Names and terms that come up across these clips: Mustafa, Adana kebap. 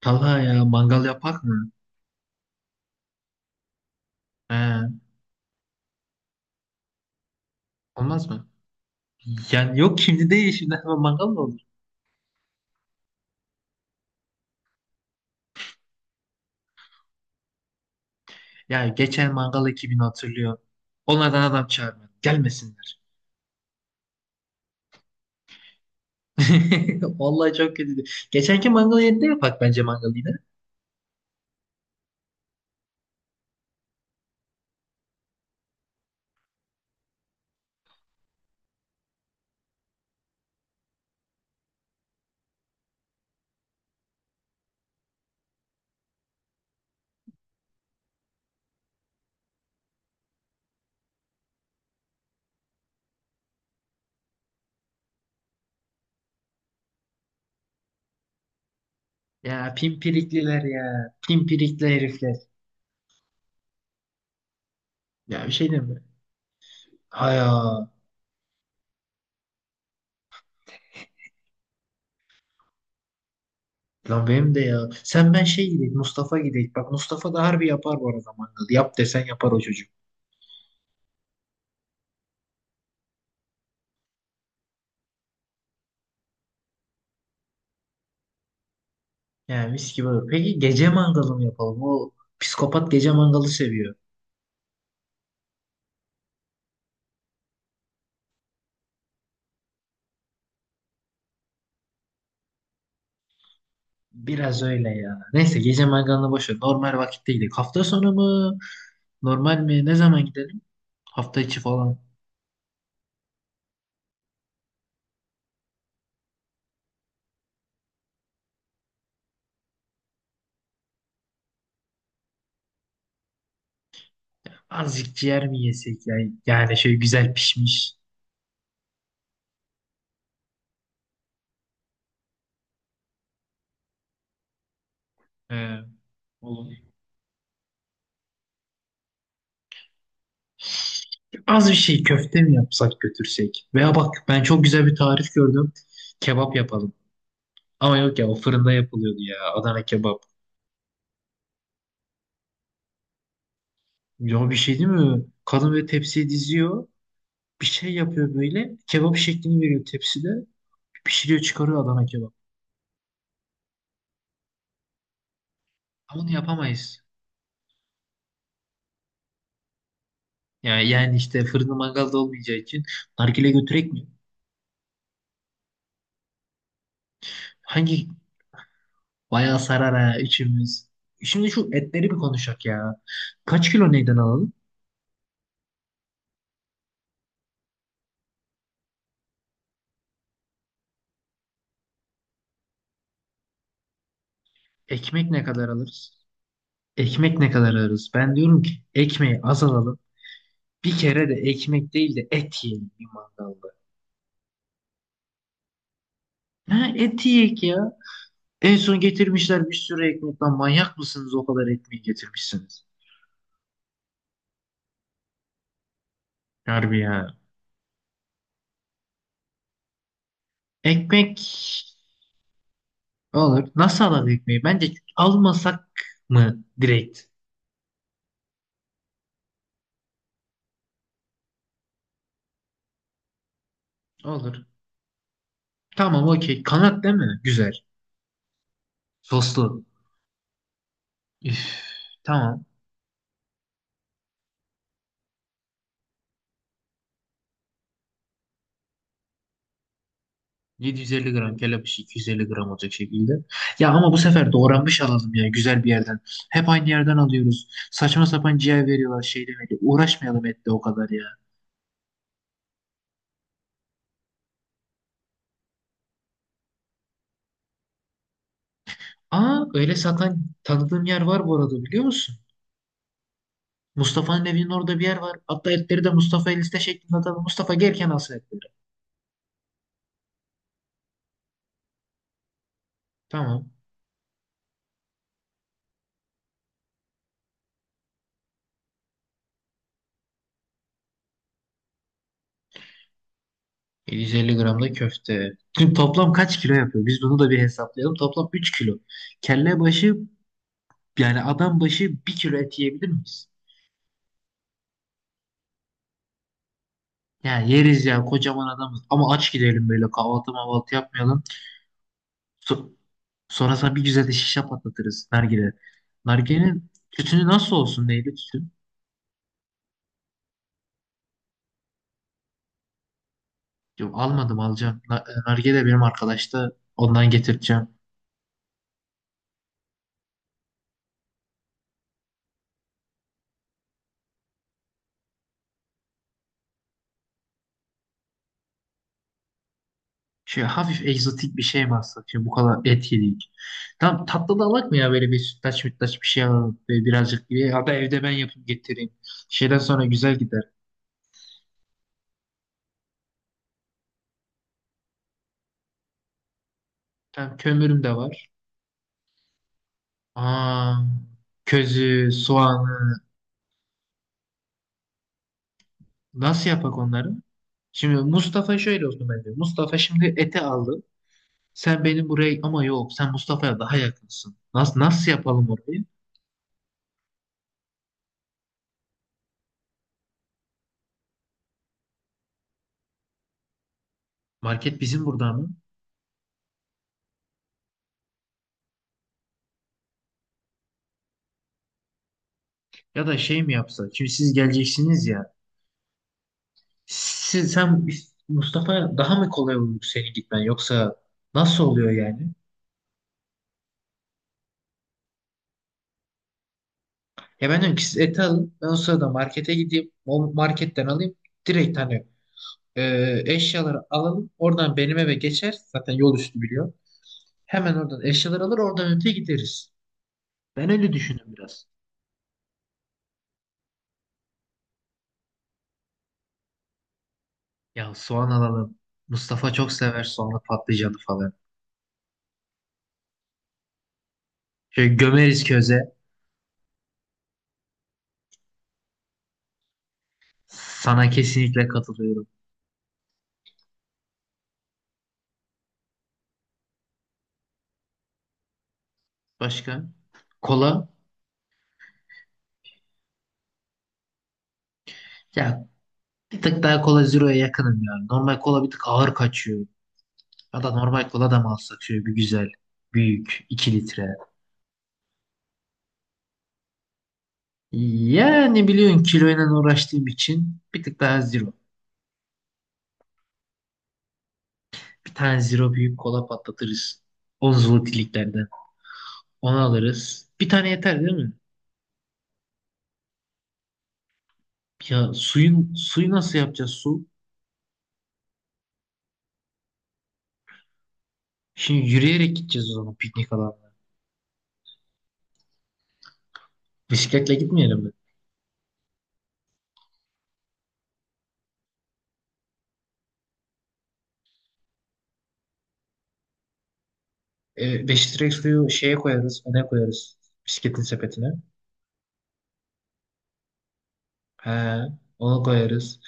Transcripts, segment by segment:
Talha ya mangal yapak mı? He, olmaz mı? Yani yok şimdi değil şimdi hemen mangal mı olur? Ya geçen mangal ekibini hatırlıyor. Onlardan adam çağırmadım. Gelmesinler. Vallahi çok kötüydü. Geçenki mangal yerinde yapak bence mangal yine. Ya pimpirikliler ya. Pimpirikli herifler. Ya bir şey diyeyim mi? Hay lan benim de ya. Sen ben şey gidelim Mustafa gidelim. Bak Mustafa da harbi yapar bu arada mangalı. Yap desen yapar o çocuk. Yani mis gibi olur. Peki gece mangalı mı yapalım? O psikopat gece mangalı seviyor. Biraz öyle ya. Neyse gece mangalını boş ver. Normal vakitte gidelim. Hafta sonu mu? Normal mi? Ne zaman gidelim? Hafta içi falan. Azıcık ciğer mi yesek ya? Yani şöyle güzel pişmiş. Ee, olur. Az bir şey köfte mi yapsak götürsek? Veya bak ben çok güzel bir tarif gördüm. Kebap yapalım. Ama yok ya o fırında yapılıyordu ya. Adana kebap. Ya bir şey değil mi? Kadın böyle tepsiye diziyor. Bir şey yapıyor böyle. Kebap şeklini veriyor tepside. Pişiriyor çıkarıyor Adana kebap. Ama onu yapamayız. Yani işte fırında mangalda olmayacağı için nargile götürek mi? Hangi Bayağı sarar ha içimiz. Şimdi şu etleri bir konuşak ya. Kaç kilo neyden alalım? Ekmek ne kadar alırız? Ekmek ne kadar alırız? Ben diyorum ki ekmeği az alalım. Bir kere de ekmek değil de et yiyelim bir mangalda. Ha et yiyek ya. En son getirmişler bir sürü ekmek. Lan manyak mısınız o kadar ekmeği getirmişsiniz? Harbi ya. Ekmek olur. Nasıl alalım ekmeği? Bence almasak mı direkt? Olur. Tamam okey. Kanat değil mi? Güzel. Soslu. Üf, tamam. 750 gram kelepçe 250 gram olacak şekilde. Ya ama bu sefer doğranmış alalım ya güzel bir yerden. Hep aynı yerden alıyoruz. Saçma sapan ciğer veriyorlar şeyle veriyor. Uğraşmayalım etle o kadar ya. Aa, öyle satan tanıdığım yer var bu arada biliyor musun? Mustafa'nın evinin orada bir yer var. Hatta etleri de Mustafa'ya liste şeklinde atalım. Mustafa gelken alsın etleri. Tamam. 750 gram da köfte. Şimdi toplam kaç kilo yapıyor? Biz bunu da bir hesaplayalım. Toplam 3 kilo. Kelle başı yani adam başı bir kilo et yiyebilir miyiz? Yani yeriz ya kocaman adamız. Ama aç gidelim böyle kahvaltı mahvaltı yapmayalım. So Sonra sana bir güzel de şişe patlatırız nargile. Nargilenin tütünü nasıl olsun neydi tütün? Yok, almadım alacağım. Nargile benim arkadaşta ondan getireceğim. Şey hafif egzotik bir şey mi alsak? Şimdi bu kadar et yedik. Tamam tatlı da alak mı ya böyle bir sütlaç mütlaç bir şey alalım. Böyle birazcık bir ya da evde ben yapıp getireyim. Şeyden sonra güzel gider. Tamam kömürüm de var. Aa, közü, soğanı nasıl yapak onları? Şimdi Mustafa şöyle olsun bence. Mustafa şimdi ete aldı. Sen benim buraya ama yok sen Mustafa'ya daha yakınsın. Nasıl yapalım orayı? Market bizim burada mı? Ya da şey mi yapsak? Şimdi siz geleceksiniz ya. Siz, sen Mustafa daha mı kolay olur senin gitmen yoksa nasıl oluyor yani? Ya ben diyorum ki siz eti alın ben o sırada markete gideyim o marketten alayım direkt hani eşyaları alalım oradan benim eve geçer zaten yol üstü biliyor. Hemen oradan eşyaları alır oradan öte gideriz. Ben öyle düşündüm biraz. Ya soğan alalım. Mustafa çok sever soğanlı patlıcanı falan. Şöyle gömeriz köze. Sana kesinlikle katılıyorum. Başka? Kola. Ya bir tık daha Cola Zero'ya yakınım yani. Normal kola bir tık ağır kaçıyor. Ya da normal kola da mı alsak şöyle bir güzel, büyük, 2 litre. Yani biliyorsun kiloyla uğraştığım için bir tık daha Zero. Bir tane Zero büyük kola patlatırız. 10 zlotiliklerden. Onu alırız. Bir tane yeter değil mi? Ya suyu nasıl yapacağız su? Şimdi yürüyerek gideceğiz o zaman piknik alanına. Bisikletle gitmeyelim mi? 5 litre suyu şeye koyarız, öne koyarız. Bisikletin sepetine. He, onu koyarız.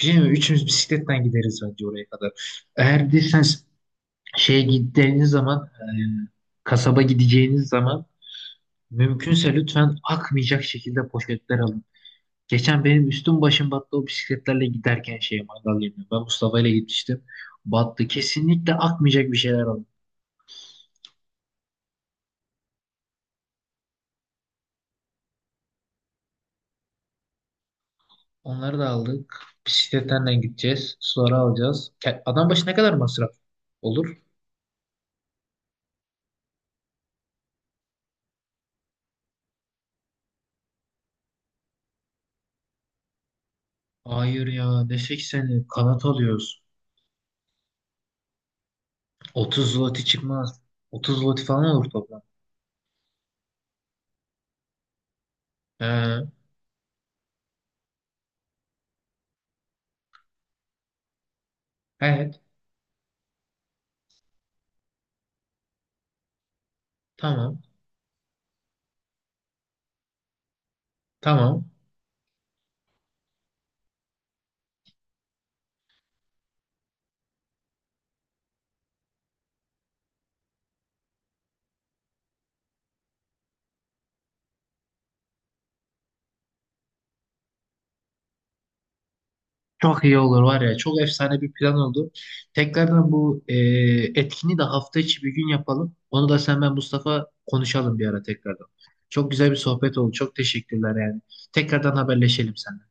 Bir şey mi? Üçümüz bisikletten gideriz bence oraya kadar. Eğer bir de sen şeye gittiğiniz zaman, kasaba gideceğiniz zaman mümkünse lütfen akmayacak şekilde poşetler alın. Geçen benim üstüm başım battı o bisikletlerle giderken şeye mangal yerine. Ben Mustafa ile gitmiştim. Battı. Kesinlikle akmayacak bir şeyler alın. Onları da aldık. Bisikletten de gideceğiz. Suları alacağız. Adam başı ne kadar masraf olur? Hayır ya ne 80'i kanat alıyoruz. 30 zloty çıkmaz. 30 zloty falan olur toplam. Ee, evet. Tamam. Tamam. Çok iyi olur var ya. Çok efsane bir plan oldu. Tekrardan bu etkini de hafta içi bir gün yapalım. Onu da sen ben Mustafa konuşalım bir ara tekrardan. Çok güzel bir sohbet oldu. Çok teşekkürler yani. Tekrardan haberleşelim sen.